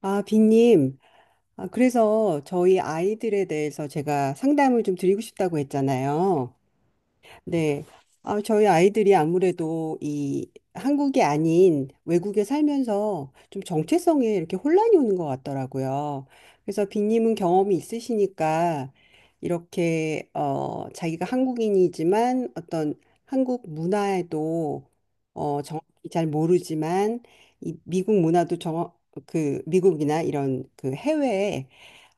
아, 빈님. 아, 그래서 저희 아이들에 대해서 제가 상담을 좀 드리고 싶다고 했잖아요. 네. 아, 저희 아이들이 아무래도 이 한국이 아닌 외국에 살면서 좀 정체성에 이렇게 혼란이 오는 것 같더라고요. 그래서 빈님은 경험이 있으시니까 이렇게, 자기가 한국인이지만 어떤 한국 문화에도, 정확히 잘 모르지만 이 미국 문화도 정확, 그 미국이나 이런 그 해외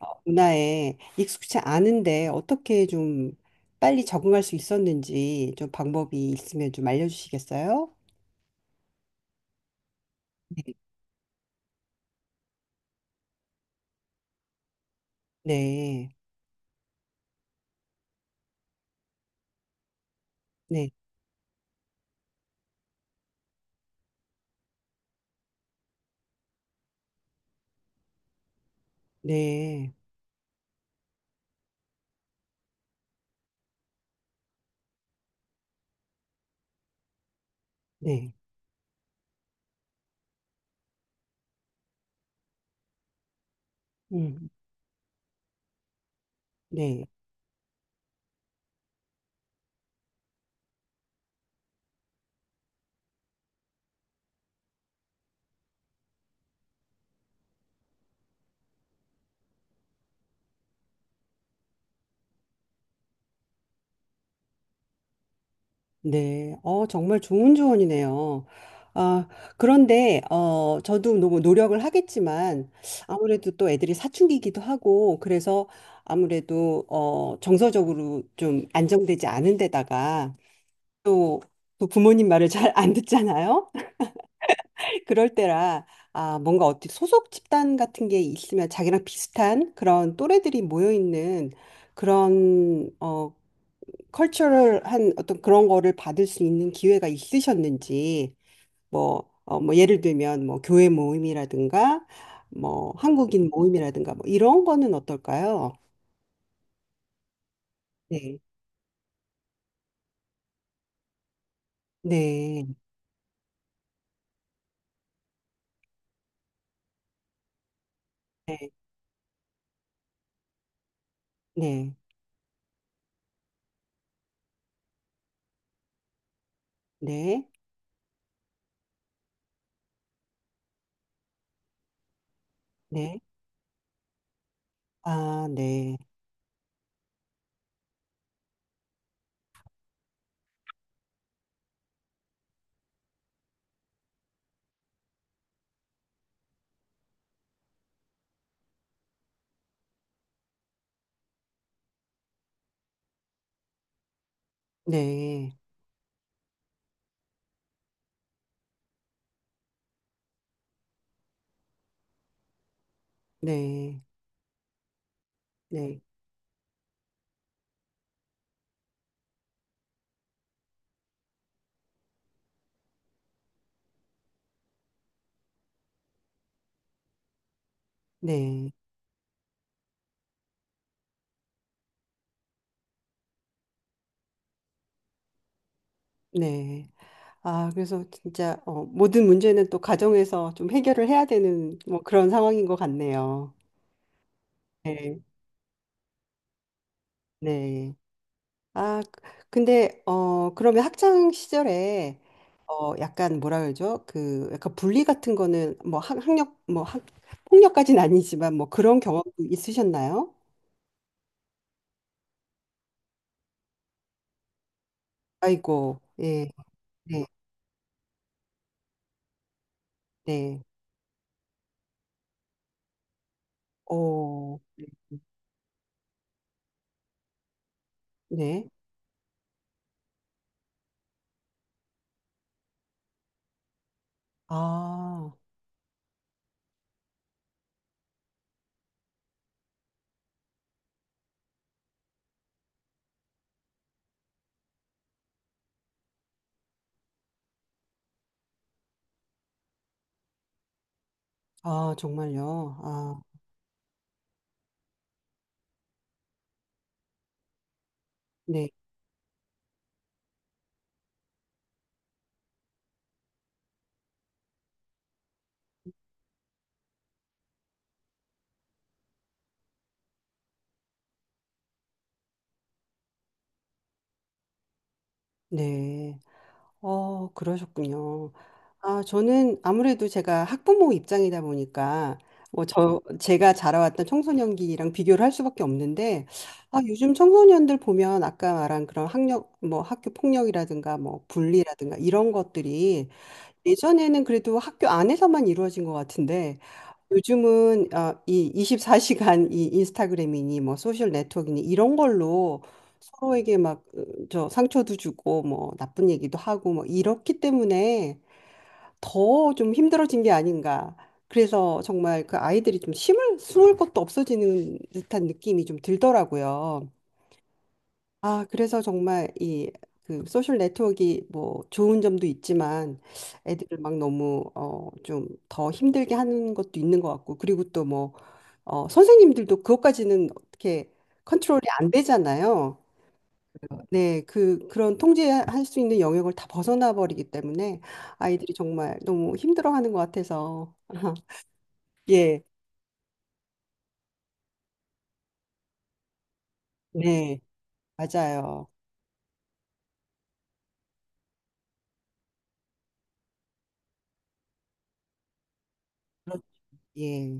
문화에 익숙치 않은데 어떻게 좀 빨리 적응할 수 있었는지 좀 방법이 있으면 좀 알려주시겠어요? 네. 네, 네, 네, 네, 음, 네, 네. 어, 정말 좋은 조언이네요. 아, 그런데, 저도 너무 노력을 하겠지만, 아무래도 또 애들이 사춘기이기도 하고, 그래서 아무래도, 정서적으로 좀 안정되지 않은 데다가, 또, 또 부모님 말을 잘 안 듣잖아요? 그럴 때라 아 뭔가 어디 소속 집단 같은 게 있으면 자기랑 비슷한 그런 또래들이 모여 있는 그런 컬처럴한 어떤 그런 거를 받을 수 있는 기회가 있으셨는지 뭐 뭐 예를 들면 뭐 교회 모임이라든가 뭐 한국인 모임이라든가 뭐 이런 거는 어떨까요? 네. 네. 네. 네. 네. 아, 네. 네. 네. 네. 네. 네. 아, 그래서 진짜 어, 모든 문제는 또 가정에서 좀 해결을 해야 되는 뭐 그런 상황인 것 같네요. 네. 네. 아, 근데 그러면 학창 시절에 약간 뭐라 그러죠? 그 약간 분리 같은 거는 뭐 학, 학력 뭐 학, 폭력까지는 아니지만 뭐 그런 경험도 있으셨나요? 아이고. 예. 네. 네. 어. 네. 아. 아, 정말요. 아. 네. 네. 어, 그러셨군요. 아, 저는 아무래도 제가 학부모 입장이다 보니까 뭐 저 제가 자라왔던 청소년기랑 비교를 할 수밖에 없는데 아, 요즘 청소년들 보면 아까 말한 그런 학력 뭐 학교 폭력이라든가 뭐 bully라든가 이런 것들이 예전에는 그래도 학교 안에서만 이루어진 것 같은데 요즘은 아, 이 24시간 이 인스타그램이니 뭐 소셜 네트워크니 이런 걸로 서로에게 막 저 상처도 주고 뭐 나쁜 얘기도 하고 뭐 이렇기 때문에 더 좀 힘들어진 게 아닌가. 그래서 정말 그 아이들이 좀 심을 숨을 것도 없어지는 듯한 느낌이 좀 들더라고요. 아, 그래서 정말 이 그 소셜 네트워크가 뭐 좋은 점도 있지만 애들을 막 너무 좀 더 힘들게 하는 것도 있는 것 같고 그리고 또 뭐 선생님들도 그것까지는 어떻게 컨트롤이 안 되잖아요. 네, 그런 통제할 수 있는 영역을 다 벗어나 버리기 때문에 아이들이 정말 너무 힘들어하는 것 같아서 예, 네, 맞아요. 그렇- 예,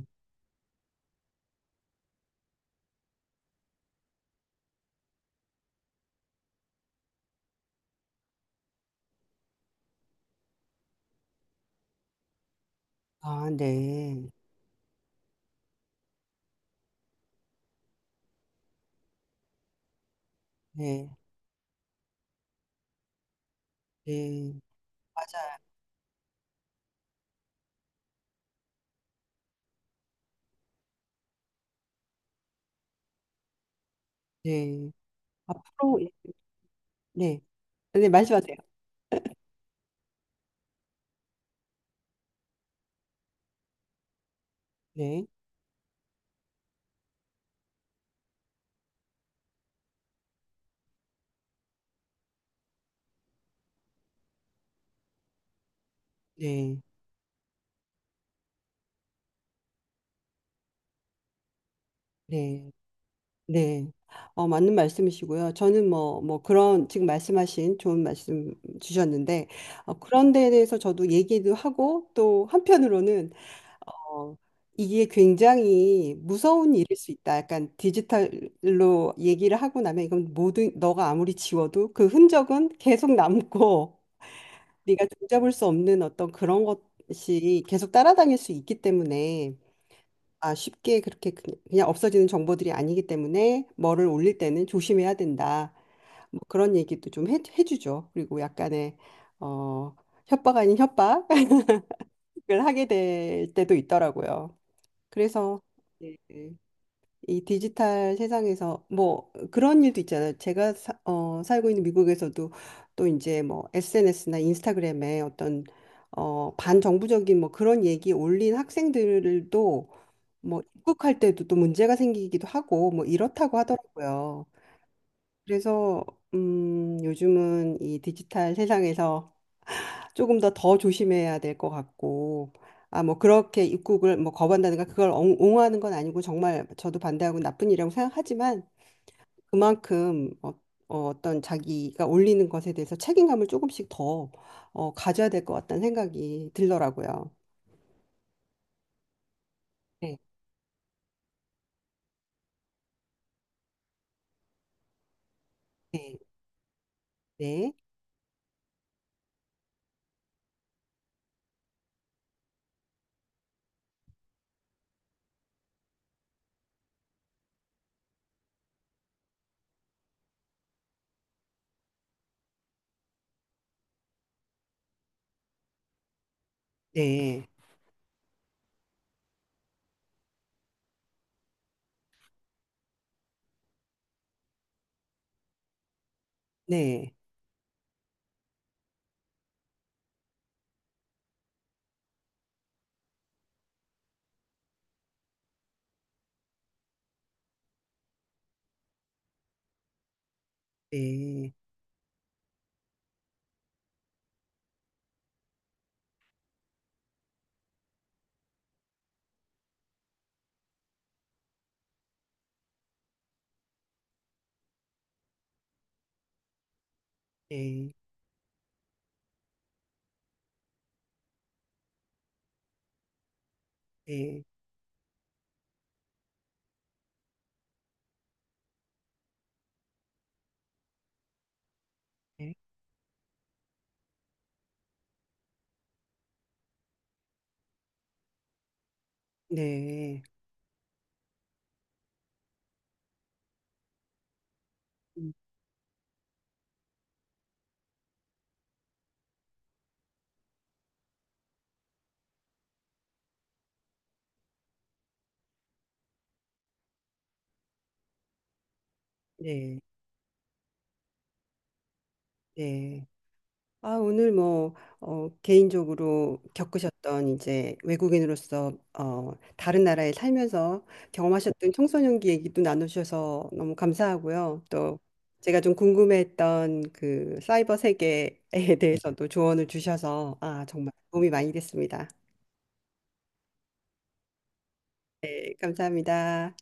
아, 네, 네, 네, 맞아요. 네. 앞으로 예. 네. 네, 말씀하세요. 네. 네. 네. 네. 어, 맞는 말씀이시고요. 저는 뭐, 뭐 그런 지금 말씀하신 좋은 말씀 주셨는데, 그런 데에 대해서 저도 얘기도 하고, 또 한편으로는, 어, 이게 굉장히 무서운 일일 수 있다. 약간 디지털로 얘기를 하고 나면 이건 모든, 너가 아무리 지워도 그 흔적은 계속 남고, 네가 종잡을 수 없는 어떤 그런 것이 계속 따라다닐 수 있기 때문에, 아, 쉽게 그렇게 그- 그냥 없어지는 정보들이 아니기 때문에 뭐를 올릴 때는 조심해야 된다. 뭐 그런 얘기도 좀 해, 해주죠. 그리고 약간의 어, 협박 아닌 협박을 하게 될 때도 있더라고요. 그래서 네. 이 디지털 세상에서 뭐 그런 일도 있잖아요. 제가 사, 살고 있는 미국에서도 또 이제 뭐 SNS나 인스타그램에 어떤 반정부적인 뭐 그런 얘기 올린 학생들도 뭐 입국할 때도 또 문제가 생기기도 하고 뭐 이렇다고 하더라고요. 그래서 요즘은 이 디지털 세상에서 조금 더 더 조심해야 될 것 같고 아 뭐 그렇게 입국을 뭐 거부한다든가 그걸 옹- 옹호하는 건 아니고 정말 저도 반대하고 나쁜 일이라고 생각하지만 그만큼 어떤 자기가 올리는 것에 대해서 책임감을 조금씩 더 가져야 될 것 같다는 생각이 들더라고요. 네, 네, 네, 네, 네, 네, 네, 네, 네, 네, 음, 네, 네. 아, 오늘 뭐, 개인적으로 겪으셨던 이제 외국인으로서, 다른 나라에 살면서 경험하셨던 청소년기 얘기도 나누셔서 너무 감사하고요. 또 제가 좀 궁금했던 그 사이버 세계에 대해서도 조언을 주셔서, 아, 정말 도움이 많이 됐습니다. 네, 감사합니다.